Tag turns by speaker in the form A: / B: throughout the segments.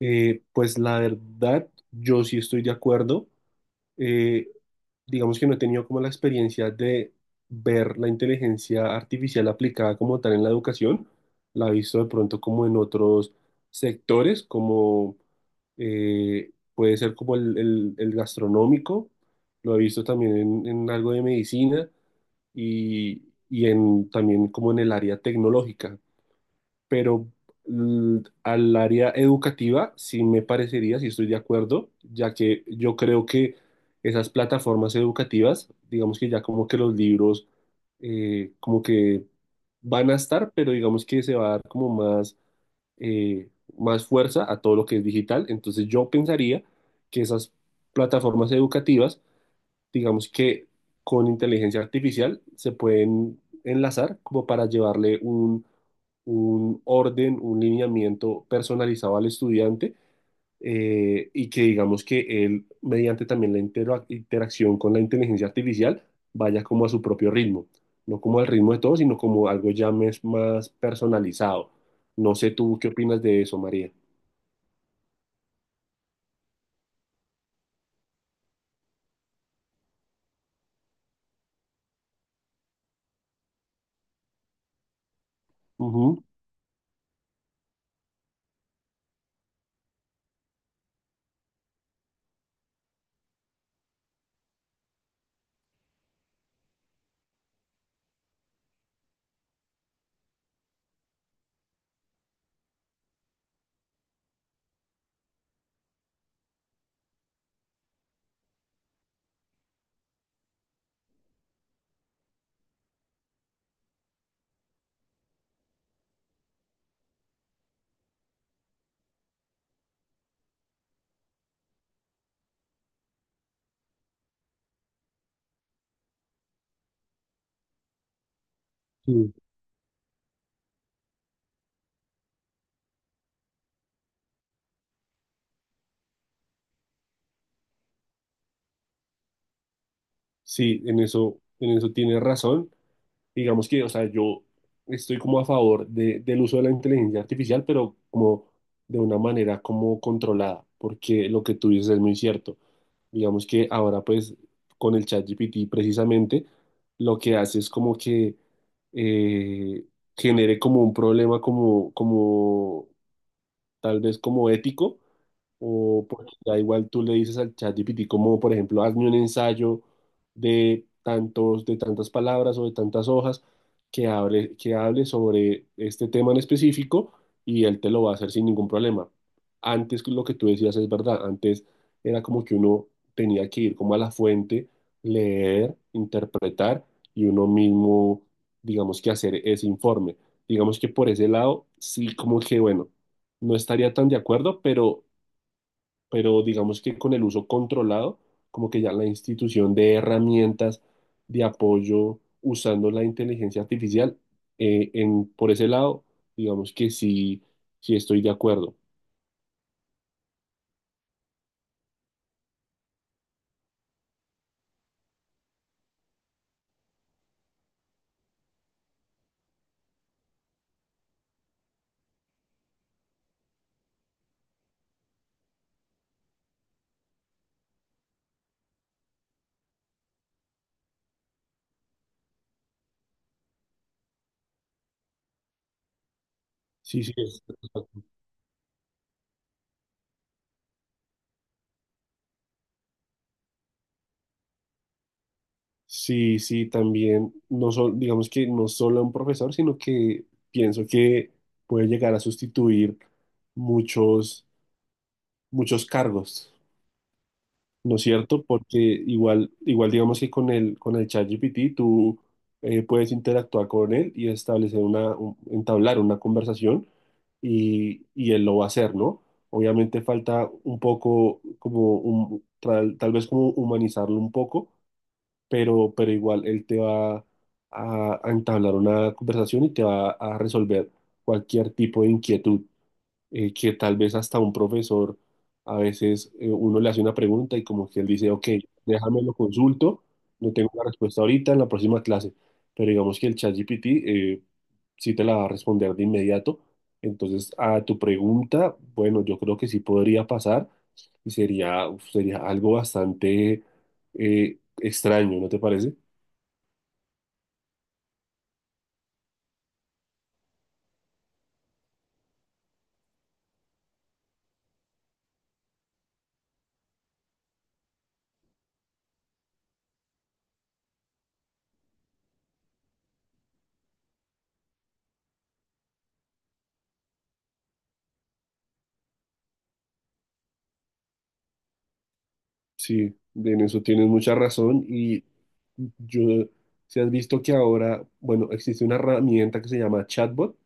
A: Pues la verdad, yo sí estoy de acuerdo. Eh, digamos que no he tenido como la experiencia de ver la inteligencia artificial aplicada como tal en la educación. La he visto de pronto como en otros sectores, como puede ser como el gastronómico. Lo he visto también en algo de medicina y, y en también como en el área tecnológica, pero al área educativa sí me parecería, sí estoy de acuerdo, ya que yo creo que esas plataformas educativas, digamos que ya como que los libros, como que van a estar, pero digamos que se va a dar como más, eh, más fuerza a todo lo que es digital. Entonces yo pensaría que esas plataformas educativas digamos que con inteligencia artificial se pueden enlazar como para llevarle un orden, un lineamiento personalizado al estudiante, y que digamos que él, mediante también la interacción con la inteligencia artificial, vaya como a su propio ritmo, no como al ritmo de todos, sino como algo ya más personalizado. No sé tú qué opinas de eso, María. Ujú. Sí. Sí, en eso tienes razón. Digamos que, o sea, yo estoy como a favor del uso de la inteligencia artificial, pero como de una manera como controlada, porque lo que tú dices es muy cierto. Digamos que ahora pues con el ChatGPT precisamente lo que hace es como que eh, genere como un problema como, como tal vez como ético, o porque ya igual tú le dices al chat GPT como, por ejemplo, hazme un ensayo de tantos, de tantas palabras o de tantas hojas, que hable sobre este tema en específico, y él te lo va a hacer sin ningún problema. Antes lo que tú decías es verdad, antes era como que uno tenía que ir como a la fuente, leer, interpretar y uno mismo, digamos que hacer ese informe. Digamos que por ese lado, sí, como que bueno, no estaría tan de acuerdo, pero digamos que con el uso controlado, como que ya la institución de herramientas de apoyo usando la inteligencia artificial, por ese lado, digamos que sí, sí estoy de acuerdo. Sí, sí, sí, sí, también, digamos que no solo un profesor, sino que pienso que puede llegar a sustituir muchos, muchos cargos. ¿No es cierto? Porque igual, igual digamos que con el ChatGPT tú puedes interactuar con él y establecer una, entablar una conversación y él lo va a hacer, ¿no? Obviamente falta un poco como un, tal, tal vez como humanizarlo un poco, pero igual él te va a entablar una conversación y te va a resolver cualquier tipo de inquietud, que tal vez hasta un profesor, a veces uno le hace una pregunta y como que él dice, ok, déjame lo consulto, no tengo la respuesta ahorita, en la próxima clase, pero digamos que el ChatGPT sí te la va a responder de inmediato. Entonces, a tu pregunta, bueno, yo creo que sí podría pasar y sería, uf, sería algo bastante extraño, ¿no te parece? Sí, en eso tienes mucha razón y yo, si has visto que ahora, bueno, existe una herramienta que se llama chatbot,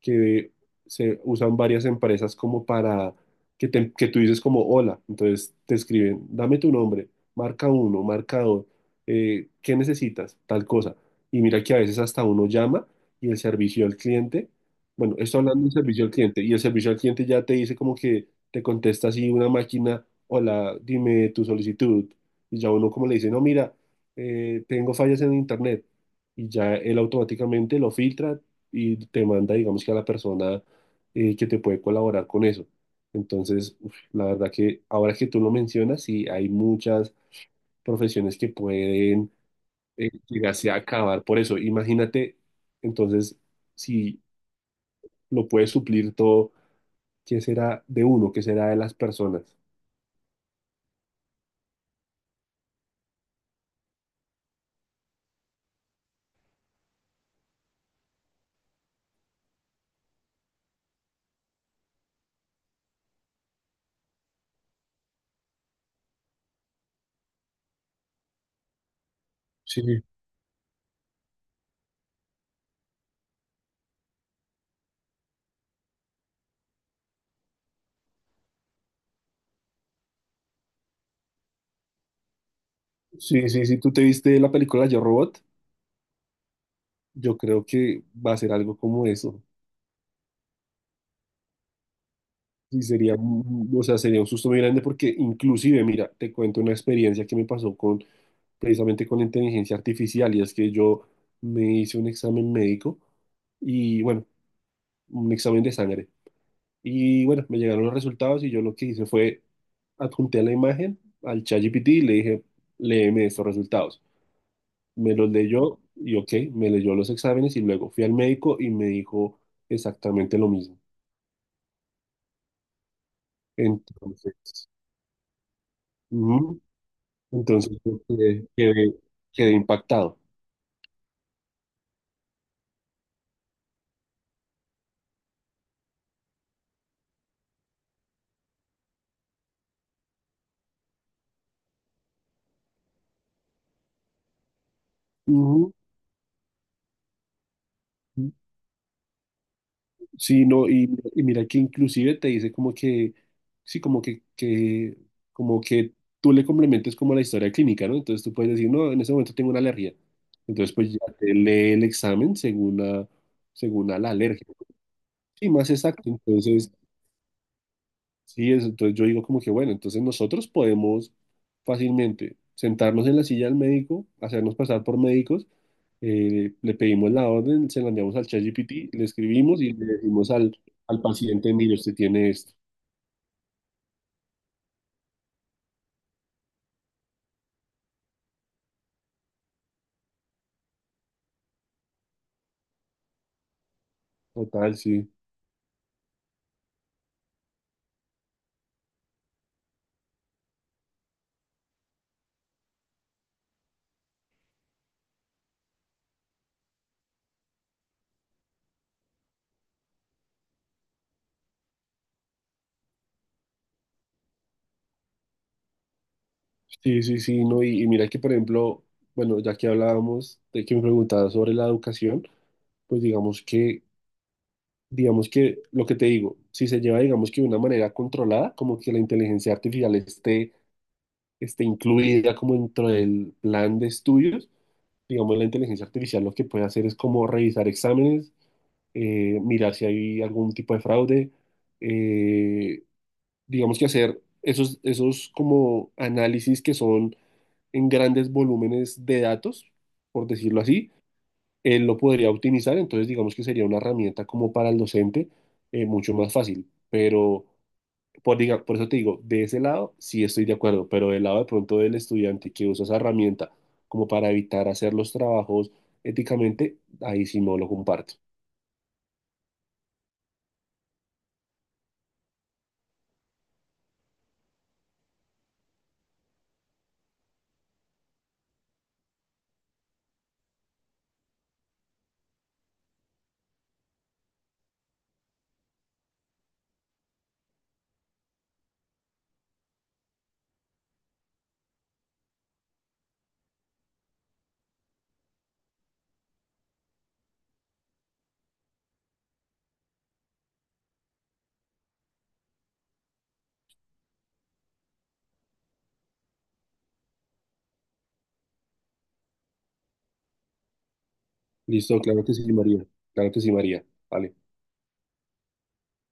A: que se usan varias empresas como para que, que tú dices como hola, entonces te escriben, dame tu nombre, marca uno, marca dos, ¿qué necesitas? Tal cosa. Y mira que a veces hasta uno llama y el servicio al cliente, bueno, esto hablando del servicio al cliente, y el servicio al cliente ya te dice como que te contesta así una máquina, hola, dime tu solicitud, y ya uno como le dice, no, mira, tengo fallas en internet, y ya él automáticamente lo filtra, y te manda, digamos que a la persona que te puede colaborar con eso. Entonces, uf, la verdad que ahora que tú lo mencionas, sí, hay muchas profesiones que pueden llegarse a acabar por eso. Imagínate, entonces, si lo puedes suplir todo, ¿qué será de uno? ¿Qué será de las personas? Sí, sí, sí, sí, ¿tú te viste la película Yo Robot? Yo creo que va a ser algo como eso. Sí, sería, o sea, sería un susto muy grande porque inclusive, mira, te cuento una experiencia que me pasó con, precisamente con la inteligencia artificial, y es que yo me hice un examen médico y, bueno, un examen de sangre. Y, bueno, me llegaron los resultados y yo lo que hice fue adjunté la imagen al ChatGPT y le dije, léeme estos resultados. Me los leyó y, ok, me leyó los exámenes y luego fui al médico y me dijo exactamente lo mismo. Entonces... ujú. Entonces yo quedé, quedé impactado. Ujú. Sí, no, y mira que inclusive te dice como que, sí, como que, como que tú le complementes como la historia clínica, ¿no? Entonces tú puedes decir, no, en ese momento tengo una alergia. Entonces pues ya te lee el examen según a, según a la alergia, ¿no? Sí, más exacto. Entonces, sí, eso, entonces yo digo como que, bueno, entonces nosotros podemos fácilmente sentarnos en la silla del médico, hacernos pasar por médicos, le pedimos la orden, se la enviamos al ChatGPT, le escribimos y le decimos al, al paciente, mire, usted tiene esto. Total, sí. Sí, sí, sí, no, y mira que, por ejemplo, bueno, ya que hablábamos de que me preguntabas sobre la educación, pues digamos que lo que te digo, si se lleva, digamos que de una manera controlada, como que la inteligencia artificial esté incluida como dentro del plan de estudios. Digamos, la inteligencia artificial lo que puede hacer es como revisar exámenes, mirar si hay algún tipo de fraude, eh, digamos que hacer esos, esos como análisis que son en grandes volúmenes de datos, por decirlo así, él lo podría optimizar, entonces digamos que sería una herramienta como para el docente, mucho más fácil, pero por, por eso te digo, de ese lado sí estoy de acuerdo, pero del lado de pronto del estudiante que usa esa herramienta como para evitar hacer los trabajos éticamente, ahí sí no lo comparto. Listo, claro que sí, María. Claro que sí, María. Vale.